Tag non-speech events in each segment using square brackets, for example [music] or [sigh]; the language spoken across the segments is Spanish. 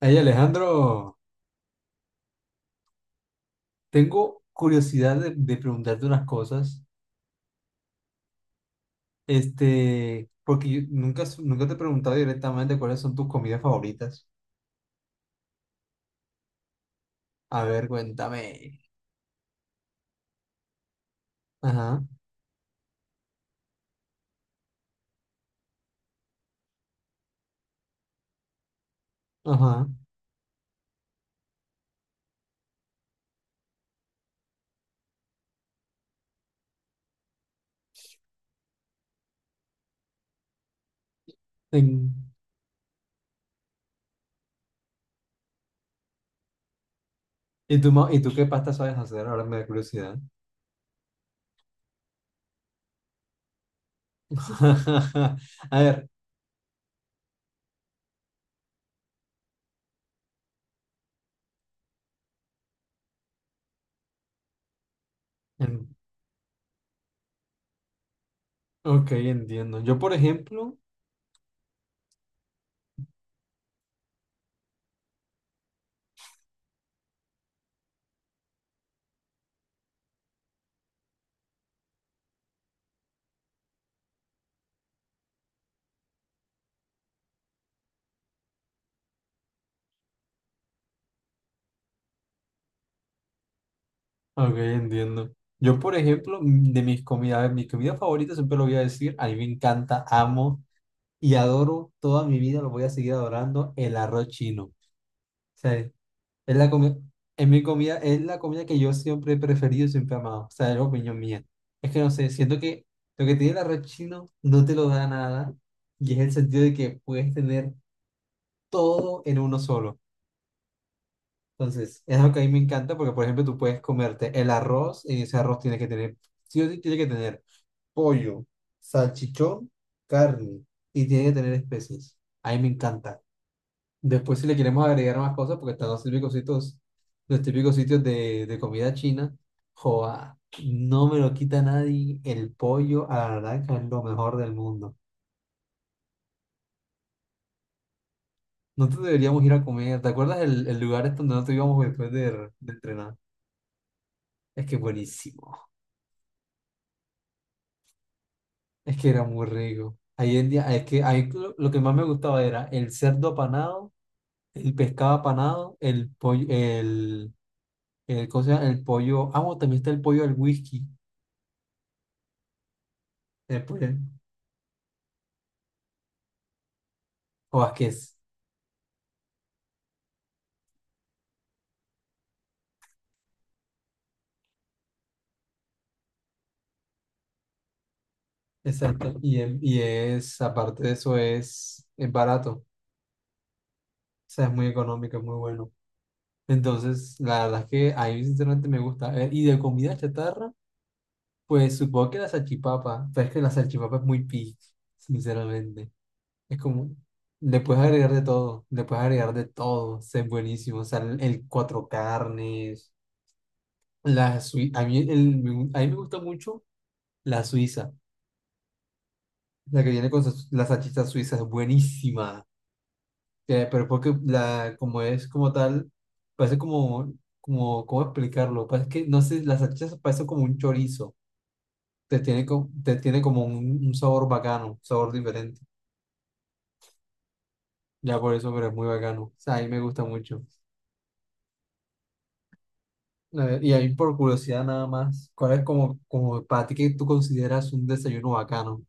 Hey Alejandro, tengo curiosidad de preguntarte unas cosas, porque yo nunca te he preguntado directamente cuáles son tus comidas favoritas. A ver, cuéntame. Ajá, ajá. En- ¿Y tú, y tú qué pasta sabes hacer? Ahora me da curiosidad. [laughs] A ver, en- ok, entiendo. Yo, por ejemplo, ok, entiendo. Yo, por ejemplo, de mis comidas, a ver, mis comidas favoritas siempre lo voy a decir, a mí me encanta, amo y adoro toda mi vida, lo voy a seguir adorando, el arroz chino. O sea, es la comida, es mi comida, es la comida que yo siempre he preferido, siempre he amado. O sea, es la opinión mía. Es que no sé, siento que lo que tiene el arroz chino no te lo da nada, y es el sentido de que puedes tener todo en uno solo. Entonces, es algo que a mí me encanta porque, por ejemplo, tú puedes comerte el arroz y ese arroz tiene que tener, sí o sí tiene que tener pollo, salchichón, carne y tiene que tener especies. A mí me encanta. Después, si le queremos agregar más cosas, porque están los típicos sitios de comida china, joa, no me lo quita nadie. El pollo a la naranja es lo mejor del mundo. Nosotros deberíamos ir a comer. ¿Te acuerdas el lugar este donde nosotros íbamos después de entrenar? Es que buenísimo. Es que era muy rico. Ahí en día, es que ahí lo que más me gustaba era el cerdo apanado, el pescado apanado, el pollo, ¿cómo se llama? El pollo. Ah, bueno, también está el pollo al whisky. El pollo. O es que es, exacto. Y, y es, aparte de eso, es barato. O sea, es muy económico, es muy bueno. Entonces, la verdad es que a mí sinceramente me gusta. Y de comida chatarra, pues supongo que la salchipapa. Pero es que la salchipapa es muy picky, sinceramente. Es como, le puedes agregar de todo, le puedes agregar de todo. O sea, es buenísimo. O sea, el cuatro carnes, la suiza. A mí, a mí me gusta mucho la suiza. La que viene con la salchicha suiza es buenísima. Pero porque la, como es como tal, parece como, como, ¿cómo explicarlo? Parece que, no sé, las salchichas parecen como un chorizo, te tiene, te tiene como un sabor bacano, un sabor diferente, ya por eso, pero es muy bacano, o sea, a mí me gusta mucho. A ver, y ahí por curiosidad nada más, ¿cuál es como, como para ti que tú consideras un desayuno bacano?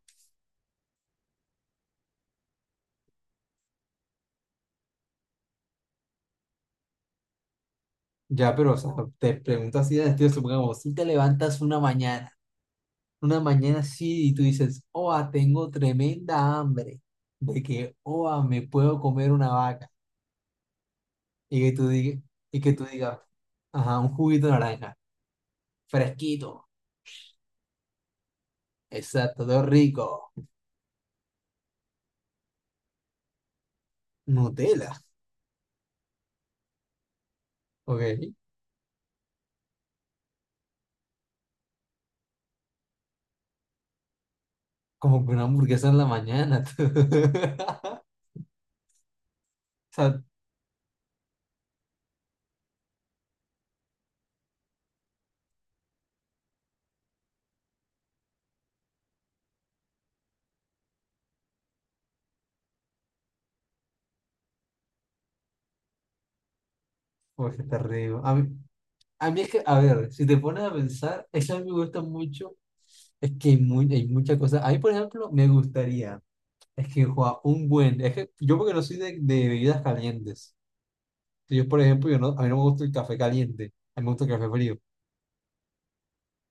Ya, pero, o sea, te pregunto así, de estilo, supongamos, si te levantas una mañana. Una mañana así y tú dices, oa, tengo tremenda hambre, de que, oa, me puedo comer una vaca, y que tú digas, y que tú digas, ajá, un juguito de naranja, fresquito, exacto, todo rico, Nutella, ok, como que una hamburguesa en la mañana, [laughs] tú. O sea, pues está rico. A mí es que, a ver, si te pones a pensar, eso a mí me gusta mucho, es que hay, muy, hay muchas cosas, a mí, por ejemplo, me gustaría. Es que juega un buen. Es que yo porque no soy de bebidas calientes. Entonces, yo, por ejemplo, yo no, a mí no me gusta el café caliente, a mí me gusta el café frío.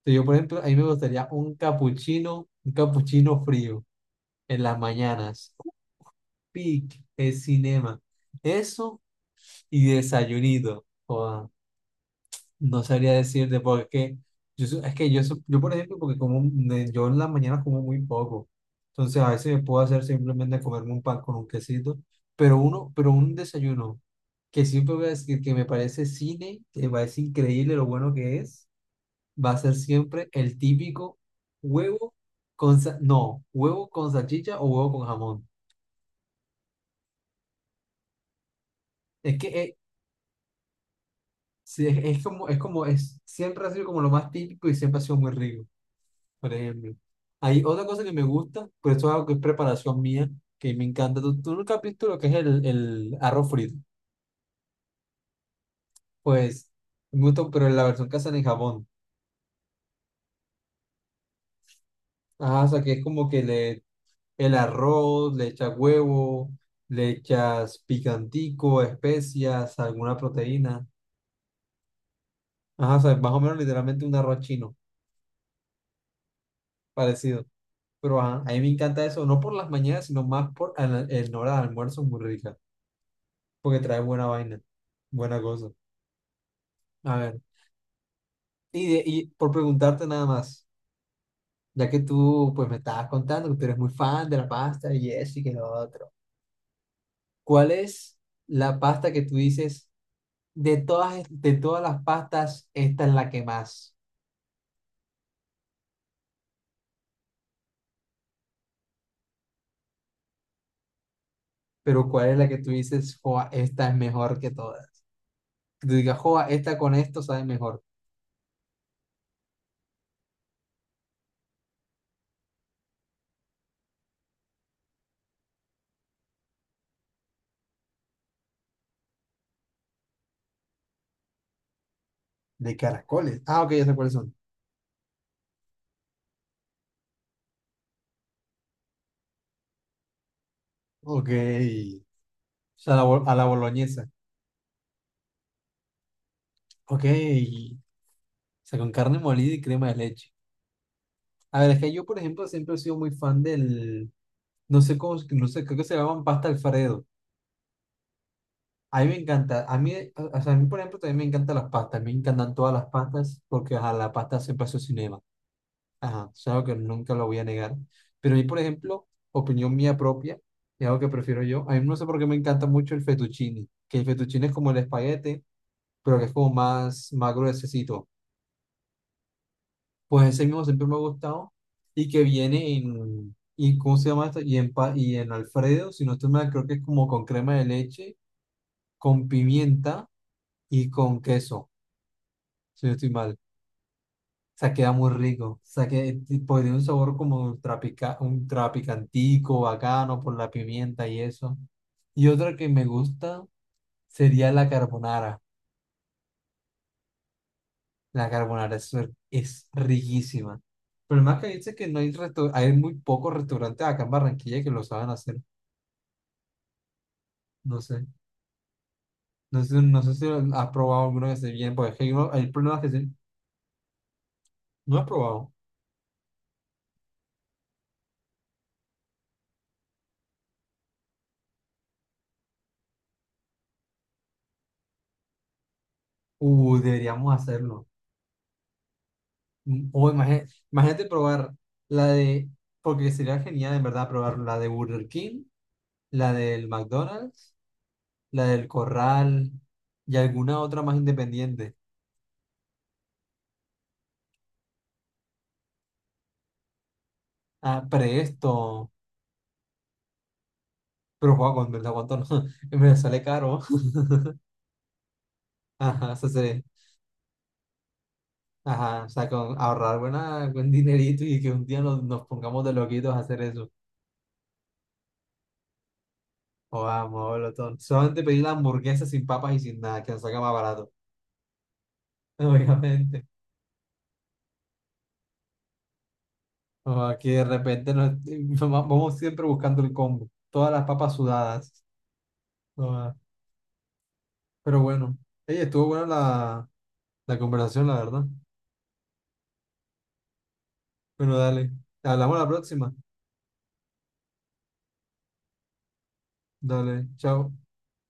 Entonces, yo, por ejemplo, a mí me gustaría un capuchino frío en las mañanas. Un pic, el cinema. Eso y desayunito. No sabría decirte, porque es que yo por ejemplo, porque yo en las mañanas como muy poco, entonces a veces me puedo hacer simplemente comerme un pan con un quesito, pero pero un desayuno que siempre voy a decir que me parece cine, que me parece increíble lo bueno que es, va a ser siempre el típico huevo no, huevo con salchicha o huevo con jamón. Es que sí, es como, es como, es, siempre ha sido como lo más típico y siempre ha sido muy rico, por ejemplo. Hay otra cosa que me gusta, pero esto es algo que es preparación mía, que me encanta. Tú nunca has visto lo que es el arroz frito? Pues, me gusta, pero en la versión que hacen en Japón. Ajá, o sea, que es como que le, el arroz, le echas huevo, le echas picantico, especias, alguna proteína. Ajá, o sea, es más o menos literalmente un arroz chino, parecido. Pero ajá, a mí me encanta eso, no por las mañanas, sino más por el hora de almuerzo, muy rica, porque trae buena vaina, buena cosa. A ver. Y, y por preguntarte nada más, ya que tú pues me estabas contando que tú eres muy fan de la pasta y eso y que lo otro, ¿cuál es la pasta que tú dices de todas, de todas las pastas, esta es la que más? Pero ¿cuál es la que tú dices, joa, esta es mejor que todas? Que tú digas, joa, esta con esto sabe mejor. De caracoles. Ah, ok, ya sé cuáles son. Ok. O sea, a la, a la boloñesa. Ok. O sea, con carne molida y crema de leche. A ver, es que yo, por ejemplo, siempre he sido muy fan del... no sé cómo, no sé, creo que se llaman pasta Alfredo. A mí me encanta, a mí, o sea, a mí, por ejemplo, también me encantan las pastas, me encantan todas las pastas, porque ajá, la pasta siempre ha sido cinema, ajá, es algo que nunca lo voy a negar. Pero a mí, por ejemplo, opinión mía propia, es algo que prefiero yo, a mí no sé por qué me encanta mucho el fettuccine, que el fettuccine es como el espaguete, pero que es como más, más gruesecito. Pues ese mismo siempre me ha gustado, y que viene en, y ¿cómo se llama esto? Y en, y en Alfredo, si no estoy mal, creo que es como con crema de leche con pimienta y con queso, si no estoy mal. O sea, queda muy rico. O sea, que pues, tiene un sabor como ultra picantico, bacano por la pimienta y eso. Y otra que me gusta sería la carbonara. La carbonara es riquísima. Pero más que dice que no hay hay muy pocos restaurantes acá en Barranquilla que lo saben hacer. No sé. No sé, no sé si lo has probado alguno que esté bien, porque es que hay problemas que no he probado. Deberíamos hacerlo. Mm, imagínate, probar la de, porque sería genial en verdad probar la de Burger King, la del McDonald's, la del Corral y alguna otra más independiente. Ah, Presto, pero guau, con verdad cuánto no, [laughs] me sale caro. [laughs] Ajá, ajá, o sea, con ahorrar buen dinerito y que un día nos pongamos de loquitos a hacer eso. O vamos, todo. Solamente pedir la hamburguesa sin papas y sin nada, que nos salga más barato, [laughs] obviamente. O aquí de repente nos- [laughs] vamos siempre buscando el combo. Todas las papas sudadas. Ah, pero bueno, ey, estuvo buena la conversación, la verdad. Bueno, dale. Hablamos la próxima. Dale, chao.